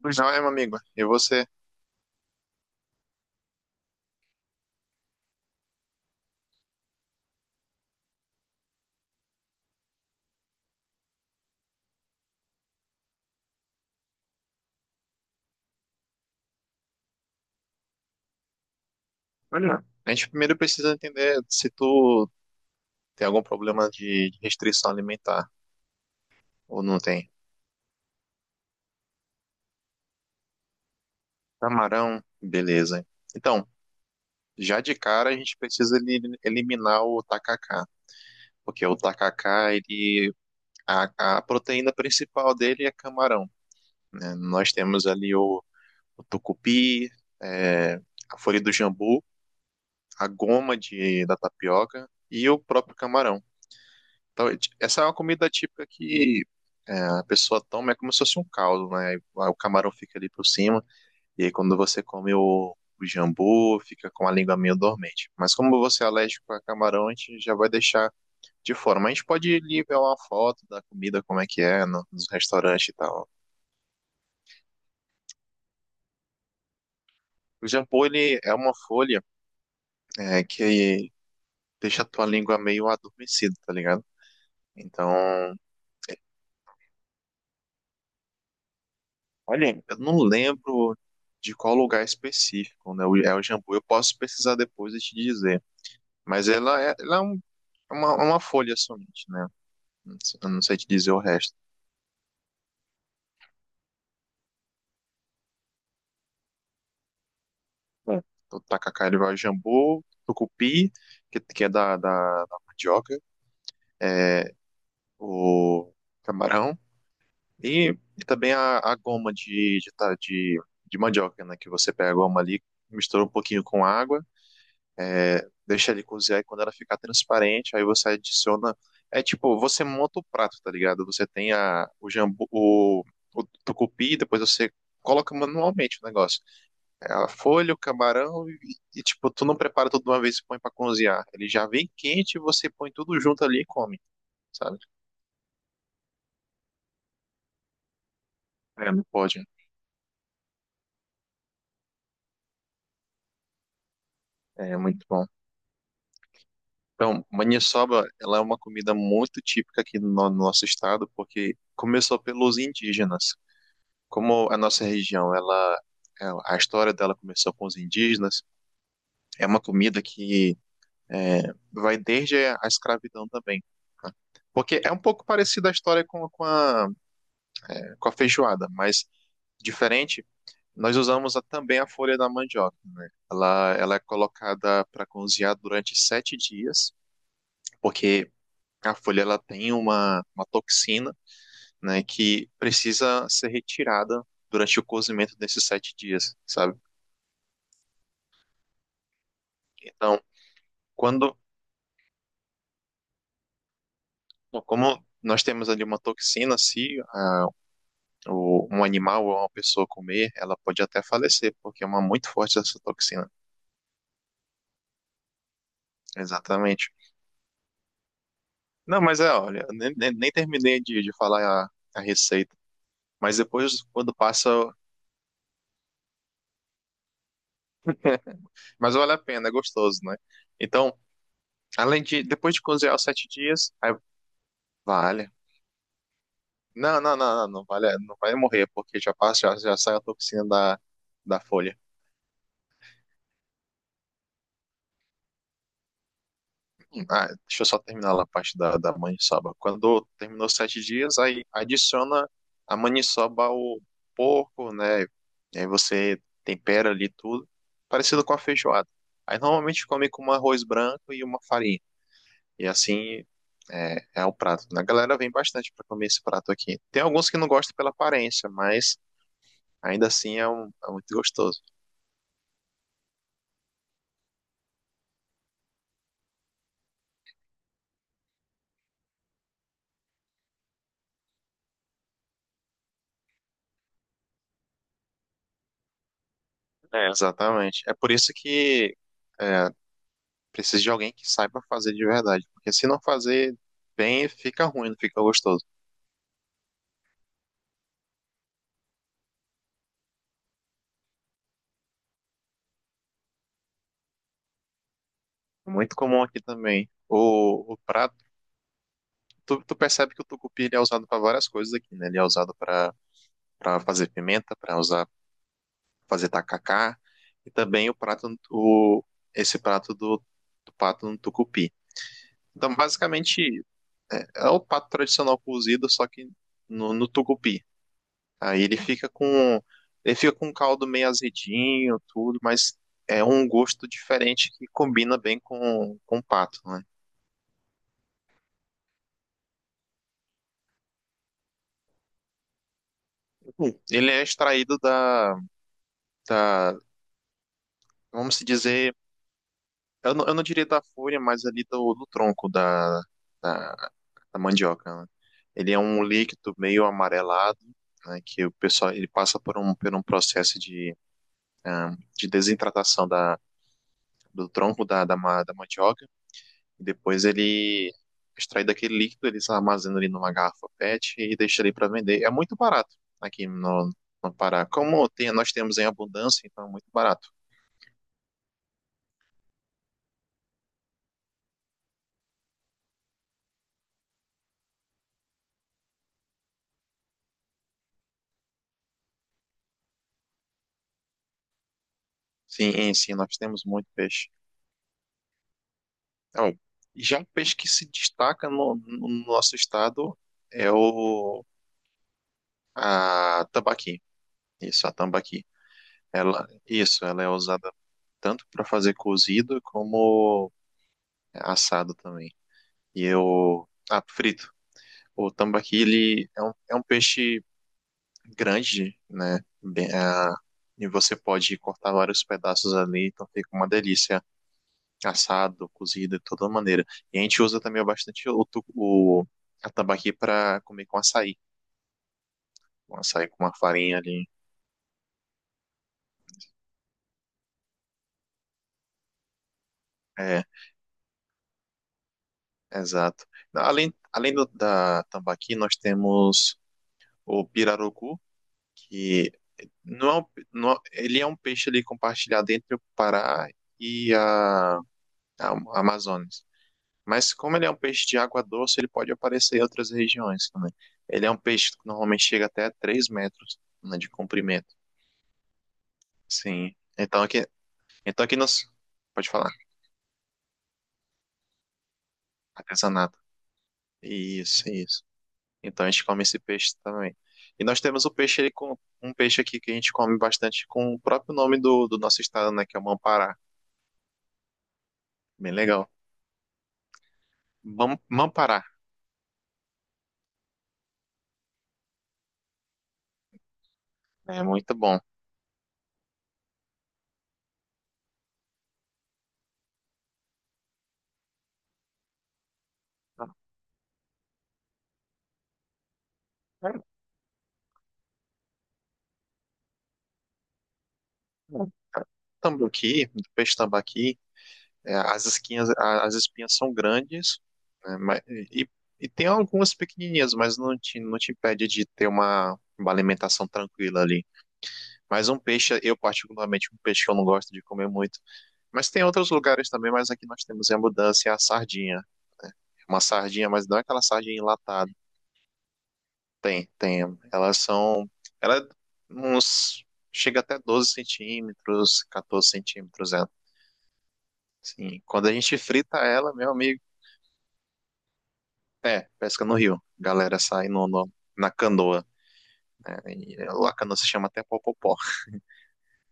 Pois não, é, meu amigo. E você? Olha, a gente primeiro precisa entender se tu tem algum problema de restrição alimentar ou não tem. Camarão, beleza. Então, já de cara a gente precisa eliminar o tacacá, porque o tacacá, ele, a proteína principal dele é camarão, né? Nós temos ali o tucupi, é, a folha do jambu, a goma de, da tapioca e o próprio camarão. Então, essa é uma comida típica que é, a pessoa toma, é como se fosse um caldo, né? Aí o camarão fica ali por cima, e aí quando você come o jambu, fica com a língua meio dormente. Mas como você é alérgico a camarão, a gente já vai deixar de fora. Mas a gente pode lhe ver uma foto da comida, como é que é, no, nos restaurantes e tal. O jambu, ele é uma folha é, que deixa a tua língua meio adormecida, tá ligado? Então, olha, eu não lembro de qual lugar específico, né? É o jambu. Eu posso pesquisar depois e te dizer. Mas ela é uma folha somente, né? Eu não sei te dizer o resto. É. Então, tacacá, ele vai o jambu, tucupi, que é da mandioca, é, o camarão e também a goma de mandioca, né? Que você pega a goma ali, mistura um pouquinho com água. É, deixa ele cozinhar e quando ela ficar transparente, aí você adiciona. É tipo, você monta o prato, tá ligado? Você tem a, o jambu, o tucupi, depois você coloca manualmente o negócio. É a folha, o camarão e, tipo, tu não prepara tudo de uma vez e põe pra cozinhar. Ele já vem quente e você põe tudo junto ali e come, sabe? É, não pode. É muito bom. Então, maniçoba, ela é uma comida muito típica aqui no nosso estado, porque começou pelos indígenas. Como a nossa região, ela, a história dela começou com os indígenas, é uma comida que é, vai desde a escravidão também, tá? Porque é um pouco parecida a história com a feijoada, mas diferente, nós usamos também a folha da mandioca, né? Ela é colocada para cozinhar durante 7 dias, porque a folha ela tem uma toxina, né, que precisa ser retirada durante o cozimento desses 7 dias, sabe? Então, quando, como nós temos ali uma toxina, se o, um animal ou uma pessoa comer, ela pode até falecer, porque é uma muito forte essa toxina. Exatamente. Não, mas é, olha, nem terminei de falar a receita, mas depois, quando passa, mas vale a pena, é gostoso, né? Então, além de, depois de cozinhar os 7 dias, aí vale. Não, não, não, não, não vale, não vai morrer, porque já passa, já, já sai a toxina da, da folha. Ah, deixa eu só terminar lá a parte da, da maniçoba. Quando terminou 7 dias, aí adiciona a maniçoba ao porco, né? E aí você tempera ali tudo, parecido com a feijoada. Aí normalmente come com um arroz branco e uma farinha. E assim é, é o prato, né? A galera vem bastante para comer esse prato aqui. Tem alguns que não gostam pela aparência, mas ainda assim é, é muito gostoso. É, exatamente. É por isso que é, precisa de alguém que saiba fazer de verdade. Porque se não fazer bem, fica ruim, não fica gostoso. É muito comum aqui também. O prato, tu percebe que o tucupi ele é usado para várias coisas aqui, né? Ele é usado para para fazer pimenta, para usar fazer tacacá e também o prato o esse prato do, do pato no tucupi. Então, basicamente, é o pato tradicional cozido, só que no tucupi. Aí ele fica com um caldo meio azedinho, tudo, mas é um gosto diferente que combina bem com o pato, né? Hum. Ele é extraído da, da vamos se dizer, eu não diria da folha, mas ali do tronco da, da mandioca, né? Ele é um líquido meio amarelado, né, que o pessoal ele passa por por um processo de, ah, de desidratação da, do tronco da mandioca. E depois ele extrai daquele líquido, ele se armazena ali numa garrafa PET e deixa ali para vender. É muito barato aqui no Pará. Como tem, nós temos em abundância, então é muito barato. Sim, em si, nós temos muito peixe. Então, já o peixe que se destaca no nosso estado é o a tambaqui. Isso, a tambaqui. Ela, isso, ela é usada tanto para fazer cozido como assado também. E eu, ah, frito. O tambaqui, ele é é um peixe grande, né? Bem, ah, e você pode cortar vários pedaços ali, então fica uma delícia. Assado, cozido, de toda maneira. E a gente usa também bastante o a tambaqui para comer com açaí. Com açaí com uma farinha ali. É, exato. Além da tambaqui, nós temos o pirarucu, que não é um, não, é, ele é um peixe ali compartilhado entre o Pará e a Amazônia. Mas como ele é um peixe de água doce, ele pode aparecer em outras regiões também. Ele é um peixe que normalmente chega até 3 metros, né, de comprimento. Sim. Então aqui nós... Pode falar. Artesanato. Isso, isso. Então a gente come esse peixe também. E nós temos o peixe, ele, um peixe aqui que a gente come bastante com o próprio nome do, do nosso estado, né? Que é o Mampará. Bem legal. Mampará. É muito bom. Tambaqui, do peixe tambaqui, é, as espinhas são grandes, né, mas- e tem algumas pequenininhas, mas não te impede de ter uma alimentação tranquila ali. Mas um peixe, eu particularmente, um peixe que eu não gosto de comer muito. Mas tem outros lugares também, mas aqui nós temos em abundância a sardinha. Uma sardinha, mas não é aquela sardinha enlatada. Tem, tem. Elas são. Ela é uns. Chega até 12 centímetros, 14 centímetros, é. Sim. Quando a gente frita ela, meu amigo. É, pesca no rio. Galera sai na canoa, né? E é, lá a canoa se chama até popopó.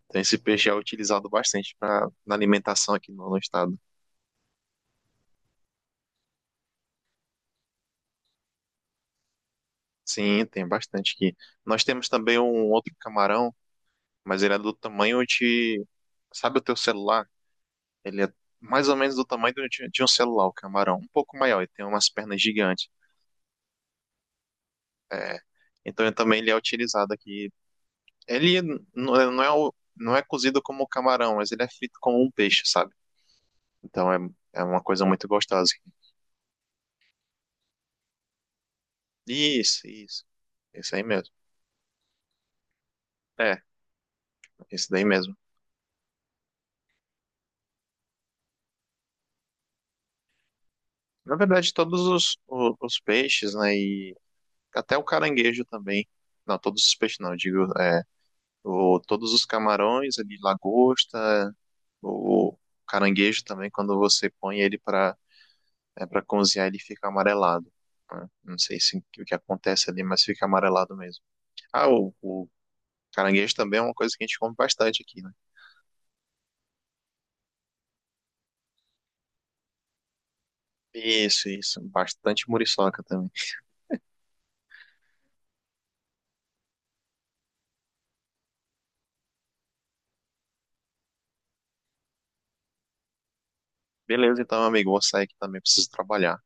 Então esse peixe é utilizado bastante pra, na alimentação aqui no estado. Sim, tem bastante aqui. Nós temos também um outro camarão, mas ele é do tamanho de... Sabe o teu celular? Ele é mais ou menos do tamanho de um celular, o camarão. Um pouco maior, ele tem umas pernas gigantes. É. Então ele também ele é utilizado aqui. Ele não é não é cozido como camarão, mas ele é frito como um peixe, sabe? Então é, é uma coisa muito gostosa. Isso, isso. Isso aí mesmo. É, isso daí mesmo. Na verdade, todos os, os peixes, né? E até o caranguejo também. Não, todos os peixes não, eu digo, é, o, todos os camarões ali, lagosta, o caranguejo também, quando você põe ele para é, para cozinhar, ele fica amarelado, né? Não sei se, o que acontece ali, mas fica amarelado mesmo. Ah, o caranguejo também é uma coisa que a gente come bastante aqui. Isso, isso. Bastante muriçoca também. Beleza, então, amigo, vou sair aqui também, preciso trabalhar.